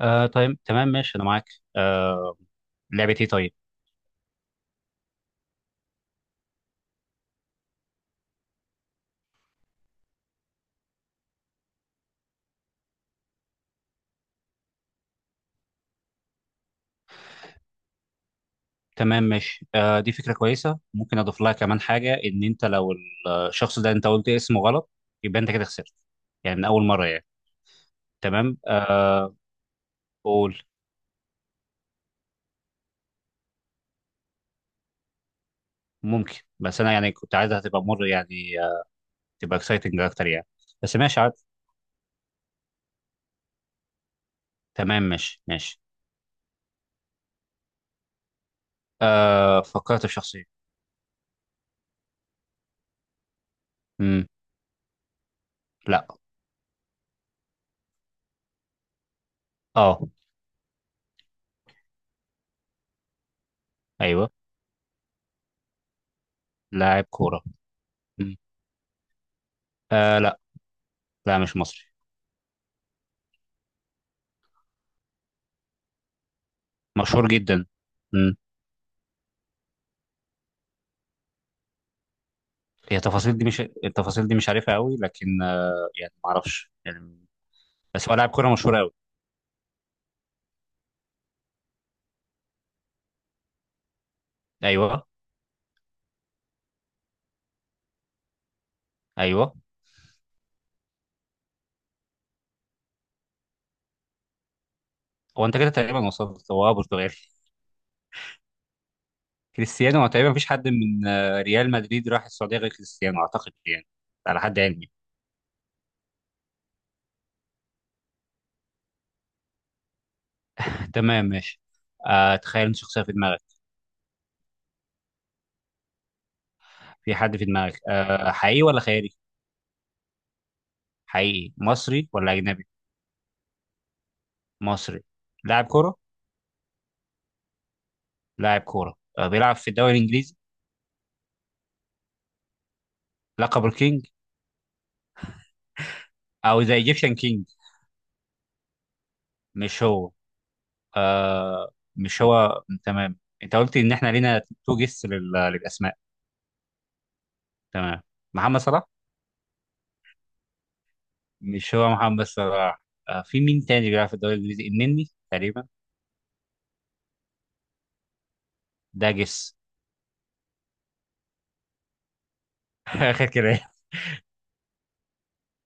آه، طيب تمام ماشي، انا معاك. آه. لعبه ايه طيب؟ تمام ماشي. آه، دي فكره كويسه، ممكن اضيف لها كمان حاجه ان انت لو الشخص ده انت قلت اسمه غلط يبقى انت كده خسرت. يعني من اول مره يعني. تمام آه. قول. ممكن، بس انا يعني كنت عايزها تبقى مر، يعني آه، تبقى اكسايتنج اكتر يعني. بس ماشي عادي. تمام ماشي ماشي. آه، فكرت في شخصيه. امم لا. اه. ايوه. لاعب كوره. مم. آه، لا. لا مش مصري. مشهور جدا. هي التفاصيل دي مش عارفها قوي، لكن يعني ما اعرفش يعني. بس هو لاعب كوره مشهور قوي. ايوه ايوه. هو انت كده تقريبا وصلت. هو آه برتغالي. كريستيانو. هو تقريبا مفيش حد من ريال مدريد راح السعوديه غير كريستيانو اعتقد يعني. على حد علمي. تمام ماشي. آه، تخيل انت شخصيه في دماغك. في حد في دماغك؟ آه، حقيقي ولا خيالي؟ حقيقي. مصري ولا اجنبي؟ مصري. لاعب كوره. لاعب كوره آه بيلعب في الدوري الانجليزي. لقب الكينج. او ذا ايجيبشن كينج. مش هو. آه مش هو، تمام. انت قلت ان احنا لينا تو جيس للاسماء. تمام. محمد صلاح. مش هو محمد صلاح. آه، في مين تاني بيلعب في الدوري الانجليزي؟ النني تقريبا. ده جيس. اخر كلام.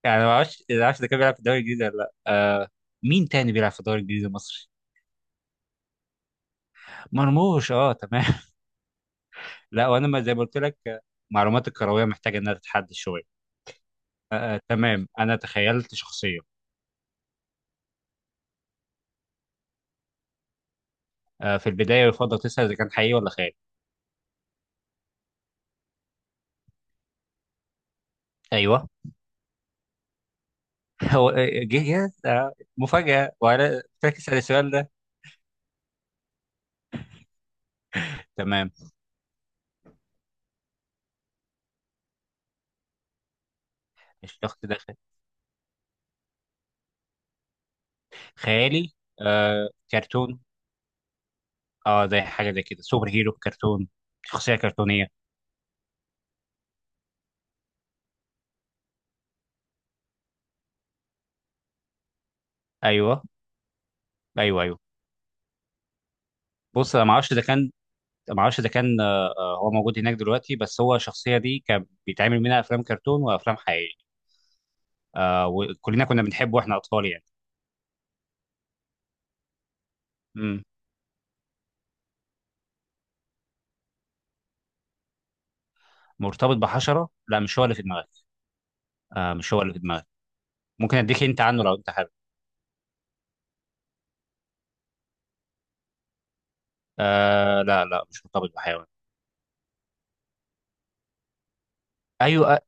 يعني ما اعرفش ده كان بيلعب في الدوري الانجليزي ولا لا. آه، مين تاني بيلعب في الدوري الانجليزي المصري؟ مرموش، اه تمام. لا، وانا ما زي ما قلت لك معلومات الكرويه محتاجه انها تتحدد شويه. تمام انا تخيلت شخصيه. آه، في البدايه يفضل تسال اذا كان حقيقي ولا خيالي. ايوه. هو. جه. يس آه، مفاجأة وعلى فاكس على السؤال ده. تمام. الشخص ده خيالي. آه، كرتون. اه، زي حاجة زي كده، سوبر هيرو كرتون. شخصية كرتونية. ايوه ايوه ايوه. بص انا ما اعرفش ده كان هو موجود هناك دلوقتي، بس هو الشخصية دي كان بيتعمل منها افلام كرتون وافلام حقيقية. آه، وكلنا كنا بنحبه واحنا اطفال يعني. مم. مرتبط بحشرة؟ لا مش هو اللي في دماغك. آه مش هو اللي في دماغك. ممكن اديك انت عنه لو انت حابب. آه لا لا مش مرتبط بحيوان. ايوه آه،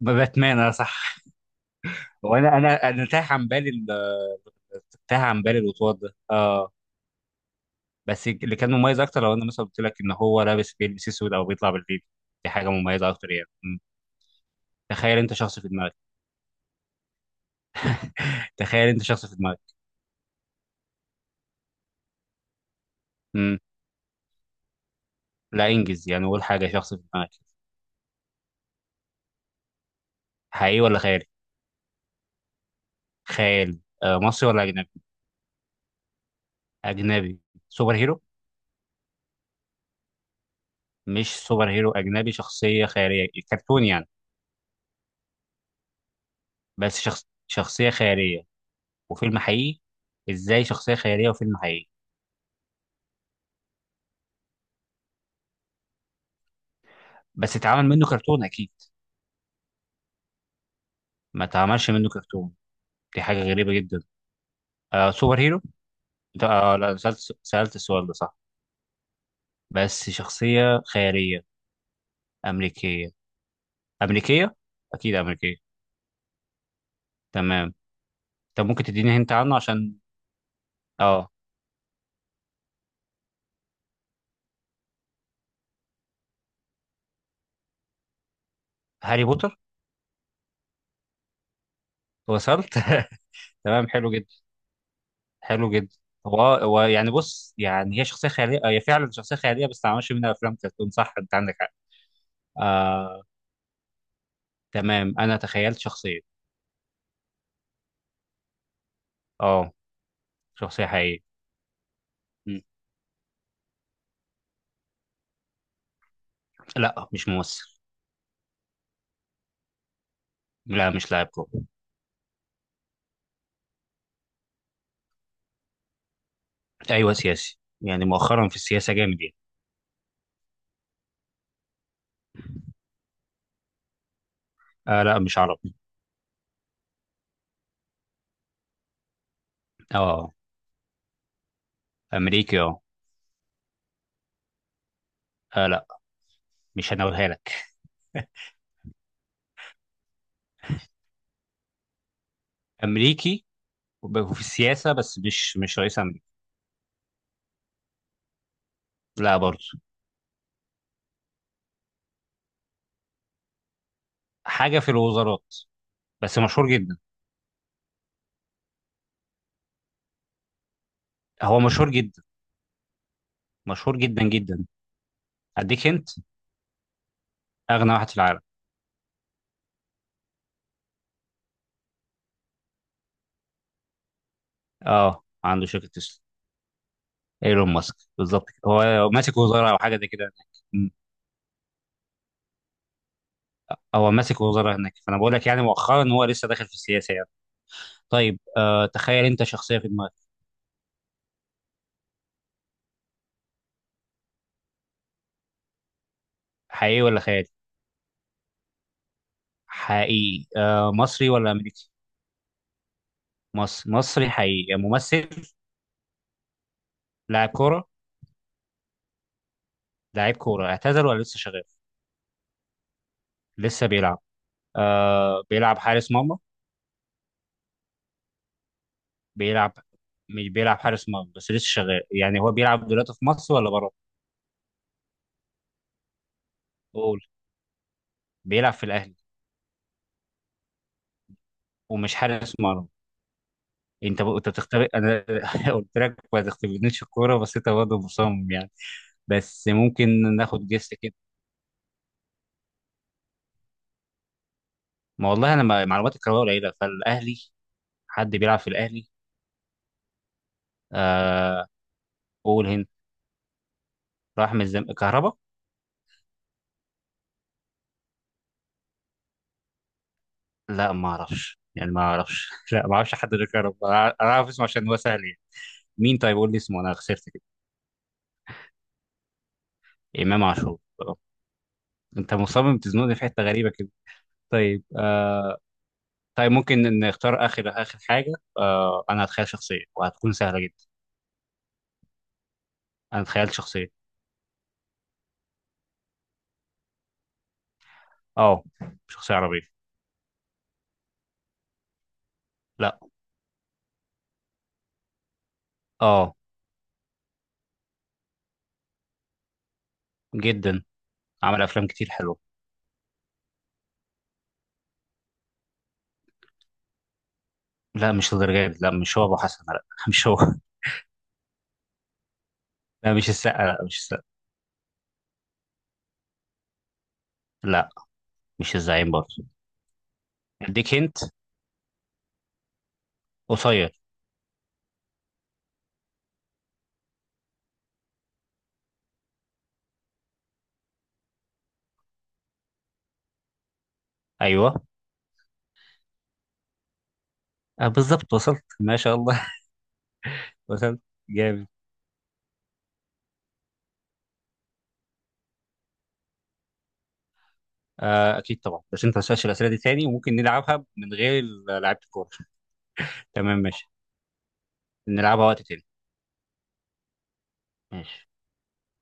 باتمان، انا صح. وانا انا انا تاه عن بالي الوطواط ده، اه. بس اللي كان مميز اكتر، لو انا مثلا قلت لك ان هو بيلبس اسود او بيطلع بالليل، دي حاجه مميزه اكتر يعني. مم. تخيل انت شخص في دماغك. تخيل انت شخص في دماغك. مم. لا انجز يعني، قول حاجه. شخص في دماغك. حقيقي ولا خيالي؟ خيالي. آه، مصري ولا اجنبي؟ اجنبي. سوبر هيرو؟ مش سوبر هيرو، اجنبي، شخصيه خياليه، كرتون يعني. بس شخص شخصيه خياليه وفيلم حقيقي؟ ازاي شخصيه خياليه وفيلم حقيقي؟ بس اتعمل منه كرتون اكيد. ما اتعملش منه كرتون؟ دي حاجه غريبه جدا. آه، سوبر هيرو. آه لا، سألت السؤال ده صح. بس شخصيه خياليه. امريكيه. امريكيه، اكيد امريكيه. تمام. طب ممكن تديني هنت عنه عشان. اه. هاري بوتر. وصلت. تمام، حلو جدا. حلو جدا. هو يعني، بص يعني، هي شخصيه خياليه هي فعلا شخصيه خياليه بس ما اتعملش منها افلام كرتون، صح انت عندك حق. آه. تمام انا تخيلت شخصيه. اه، شخصيه حقيقيه. م. لا مش ممثل. لا مش لاعب كورة. أيوه سياسي، يعني مؤخرا في السياسة جامد يعني. آه لا مش عربي. اه. أمريكي اه. لا، مش هنقولها لك. أمريكي وفي السياسة، بس مش رئيس أمريكا. لا برضه. حاجة في الوزارات، بس مشهور جدا. هو مشهور جدا. مشهور جدا جدا. أديك أنت. أغنى واحد في العالم. اه، عنده شركة تسلا. ايلون ماسك بالظبط كده. هو ماسك وزارة أو حاجة زي كده هناك. م. هو ماسك وزارة هناك، فأنا بقول لك يعني مؤخرا هو لسه داخل في السياسة يعني. طيب آه، تخيل أنت شخصية في دماغك. حقيقي ولا خيالي؟ حقيقي. آه، مصري ولا امريكي؟ مصري. مصري حقيقي، يعني ممثل؟ لاعب كوره؟ لاعب كوره اعتزل ولا لسه شغال؟ لسه بيلعب. آه، بيلعب حارس مرمى. بيلعب مش بيلعب حارس مرمى، بس لسه شغال. يعني هو بيلعب دلوقتي في مصر ولا بره؟ قول. بيلعب في الاهلي، ومش حارس مرمى. انت بتختبئ انا. قلت لك ما تختبئنيش في الكوره بس انت برضه مصمم يعني. بس ممكن ناخد جيست كده. ما والله انا معلومات الكرويه قليله فالاهلي. حد بيلعب في الاهلي. آه، قول هند. راح من كهربا. لا ما اعرفش يعني ما اعرفش. لا ما اعرفش حد غير كهربا، انا اعرف اسمه عشان هو سهل يعني. مين؟ طيب قول لي اسمه، انا خسرت كده. امام عاشور آه. انت مصمم تزنقني في حته غريبه كده. طيب آه. طيب ممكن نختار اخر اخر حاجه. آه، انا هتخيل شخصيه وهتكون سهله جدا. انا اتخيلت شخصيه. اه، شخصيه عربيه. لا. اه. جدا. عمل افلام كتير حلوه. لا مش الدرجات، لا مش هو ابو حسن، لا مش هو. لا مش السقا، لا مش السقا. لا مش الزعيم برضه. اديك هنت. قصير. ايوه. آه بالظبط وصلت، ما شاء الله. وصلت. جامد. آه اكيد طبعا، بس انت ما تسالش الاسئله دي تاني وممكن نلعبها من غير لعيبه الكوره. تمام ماشي. نلعبها وقت تاني. ماشي.